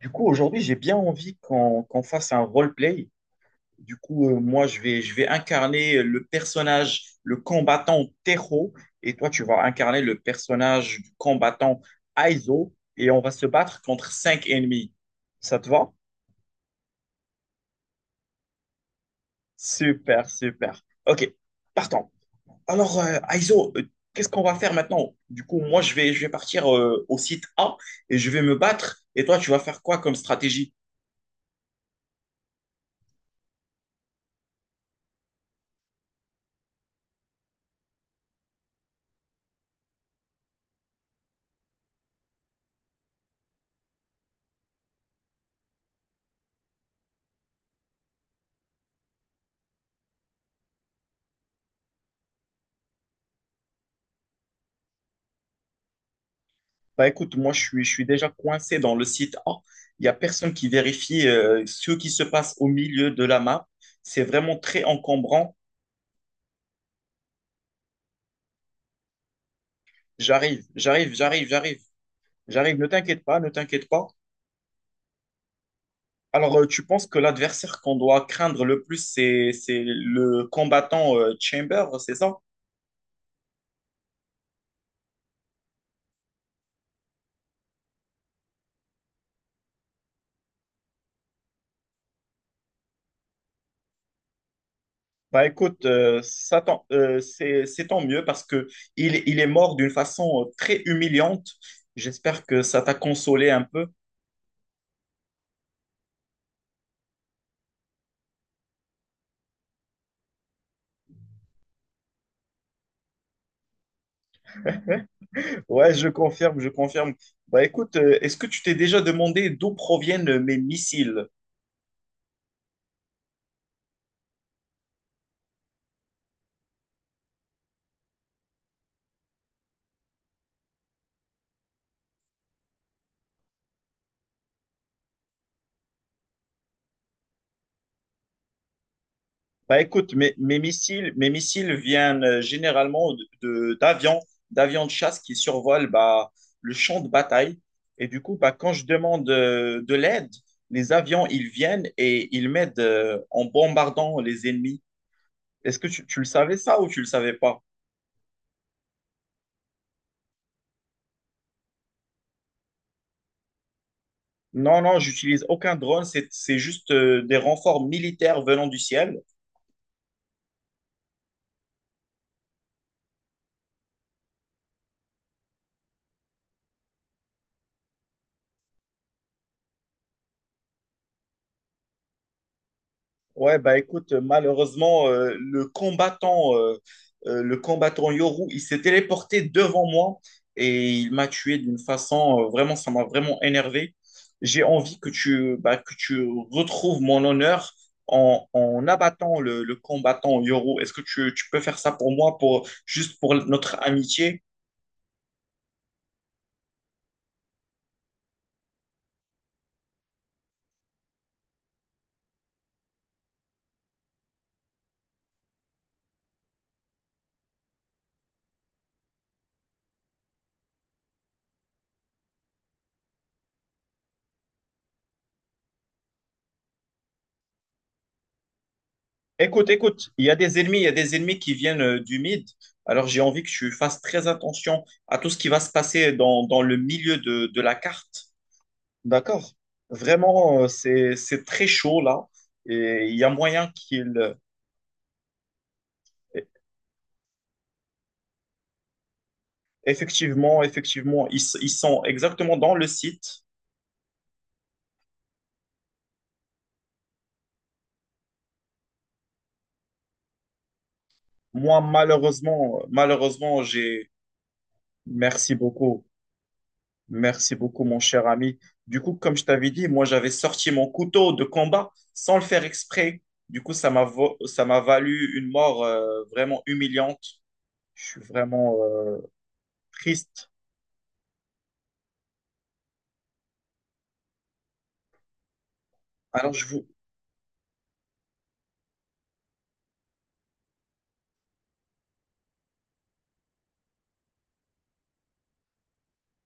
Du coup, aujourd'hui, j'ai bien envie qu'on fasse un roleplay. Du coup, moi, je vais incarner le personnage, le combattant Tero, et toi, tu vas incarner le personnage du combattant Aizo, et on va se battre contre cinq ennemis. Ça te va? Super, super. Ok, partons. Alors, Aizo, qu'est-ce qu'on va faire maintenant? Du coup, moi, je vais partir au site A et je vais me battre, et toi, tu vas faire quoi comme stratégie? Bah écoute, moi je suis déjà coincé dans le site A. Il n'y a personne qui vérifie ce qui se passe au milieu de la map. C'est vraiment très encombrant. J'arrive, j'arrive, j'arrive, j'arrive, j'arrive. Ne t'inquiète pas, ne t'inquiète pas. Alors, tu penses que l'adversaire qu'on doit craindre le plus, c'est le combattant Chamber, c'est ça? Bah écoute, c'est tant mieux parce que il est mort d'une façon très humiliante. J'espère que ça t'a consolé un peu. Ouais, je confirme, je confirme. Bah écoute, est-ce que tu t'es déjà demandé d'où proviennent mes missiles? Bah écoute, mes missiles viennent généralement d'avions de chasse qui survolent bah, le champ de bataille. Et du coup, bah, quand je demande de l'aide, les avions, ils viennent et ils m'aident en bombardant les ennemis. Est-ce que tu le savais ça ou tu le savais pas? Non, non, j'utilise aucun drone, c'est juste des renforts militaires venant du ciel. Ouais, bah écoute, malheureusement, le combattant Yoru, il s'est téléporté devant moi et il m'a tué d'une façon, vraiment, ça m'a vraiment énervé. J'ai envie que bah, que tu retrouves mon honneur en abattant le combattant Yoru. Est-ce que tu peux faire ça pour moi, juste pour notre amitié? Écoute, écoute, il y a des ennemis, il y a des ennemis qui viennent du mid. Alors j'ai envie que tu fasses très attention à tout ce qui va se passer dans le milieu de la carte. D'accord? Vraiment, c'est très chaud là. Et il y a moyen qu'ils... Effectivement, effectivement, ils sont exactement dans le site. Moi, malheureusement, malheureusement, j'ai... Merci beaucoup. Merci beaucoup, mon cher ami. Du coup, comme je t'avais dit, moi, j'avais sorti mon couteau de combat sans le faire exprès. Du coup, ça m'a valu une mort vraiment humiliante. Je suis vraiment triste. Alors, je vous...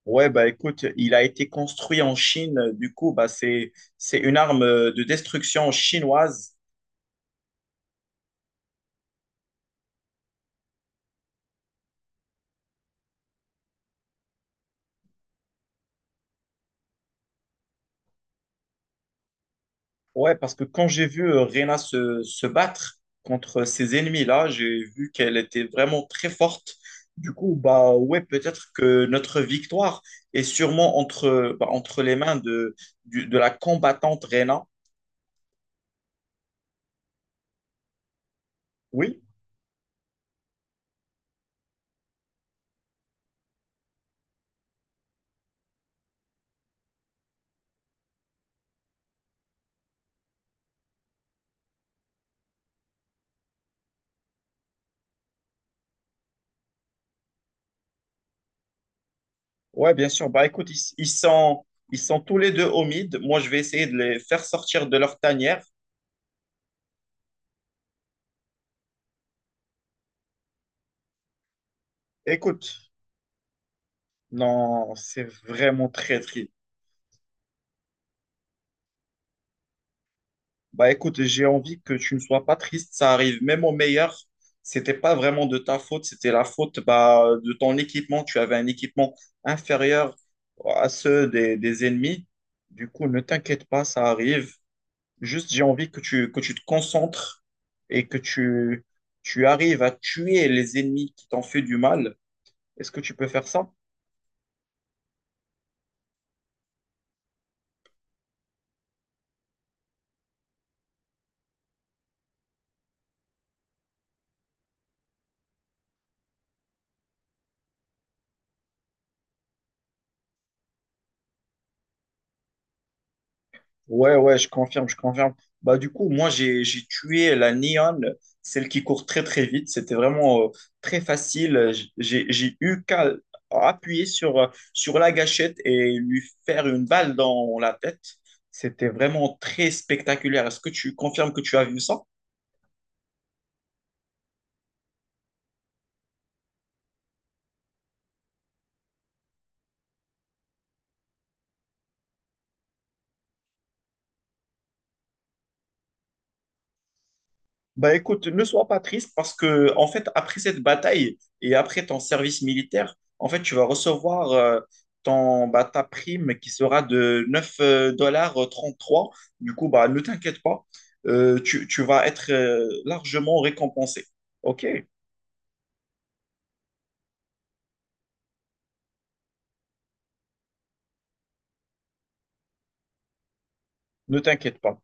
Ouais, bah écoute, il a été construit en Chine. Du coup, bah, c'est une arme de destruction chinoise. Ouais, parce que quand j'ai vu Reyna se battre contre ces ennemis-là, j'ai vu qu'elle était vraiment très forte. Du coup, bah ouais, peut-être que notre victoire est sûrement bah, entre les mains de la combattante Reyna. Oui, ouais, bien sûr. Bah écoute, ils sont tous les deux au mid. Moi, je vais essayer de les faire sortir de leur tanière. Écoute, non, c'est vraiment très triste. Bah écoute, j'ai envie que tu ne sois pas triste, ça arrive même au meilleur. C'était pas vraiment de ta faute, c'était la faute bah, de ton équipement. Tu avais un équipement inférieur à ceux des ennemis. Du coup, ne t'inquiète pas, ça arrive. Juste, j'ai envie que que tu te concentres et que tu arrives à tuer les ennemis qui t'ont fait du mal. Est-ce que tu peux faire ça? Ouais, ouais, je confirme, je confirme. Bah, du coup, moi, j'ai tué la Neon, celle qui court très, très vite. C'était vraiment très facile. J'ai eu qu'à appuyer sur la gâchette et lui faire une balle dans la tête. C'était vraiment très spectaculaire. Est-ce que tu confirmes que tu as vu ça? Bah écoute, ne sois pas triste parce que en fait après cette bataille et après ton service militaire, en fait tu vas recevoir ton bah, ta prime qui sera de 9 dollars 33. Du coup bah ne t'inquiète pas, tu vas être largement récompensé. OK? Ne t'inquiète pas.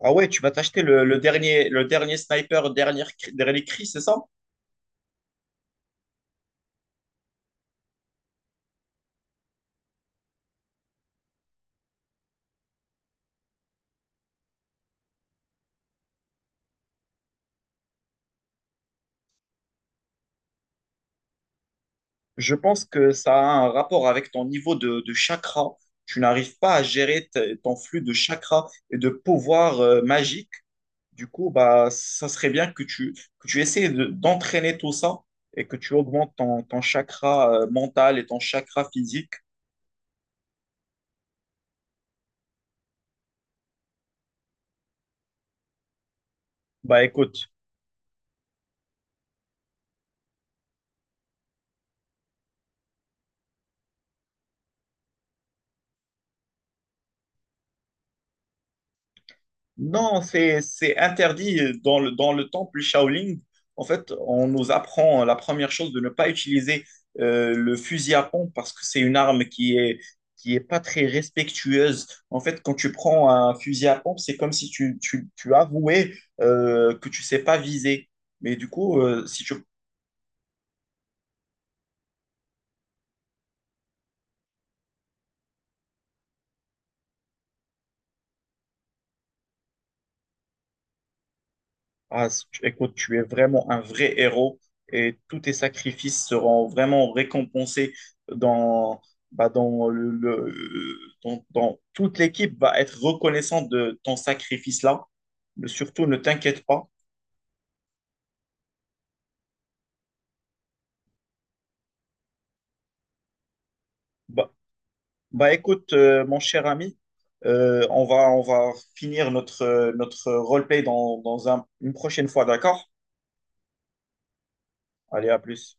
Ah ouais, tu vas t'acheter le dernier sniper, dernière, cri- dernier cri, c'est ça? Je pense que ça a un rapport avec ton niveau de chakra. Tu n'arrives pas à gérer ton flux de chakra et de pouvoir magique. Du coup, bah, ça serait bien que que tu essaies d'entraîner tout ça et que tu augmentes ton chakra mental et ton chakra physique. Bah, écoute, non, c'est interdit dans dans le temple Shaolin. En fait, on nous apprend la première chose de ne pas utiliser le fusil à pompe parce que c'est une arme qui est pas très respectueuse. En fait, quand tu prends un fusil à pompe, c'est comme si tu avouais que tu sais pas viser. Mais du coup, si tu... Ah, écoute, tu es vraiment un vrai héros et tous tes sacrifices seront vraiment récompensés dans, bah, dans le- dans, dans- toute l'équipe va être reconnaissante de ton sacrifice-là. Mais surtout, ne t'inquiète pas. Bah, bah, écoute, mon cher ami, on va finir notre roleplay une prochaine fois, d'accord? Allez, à plus.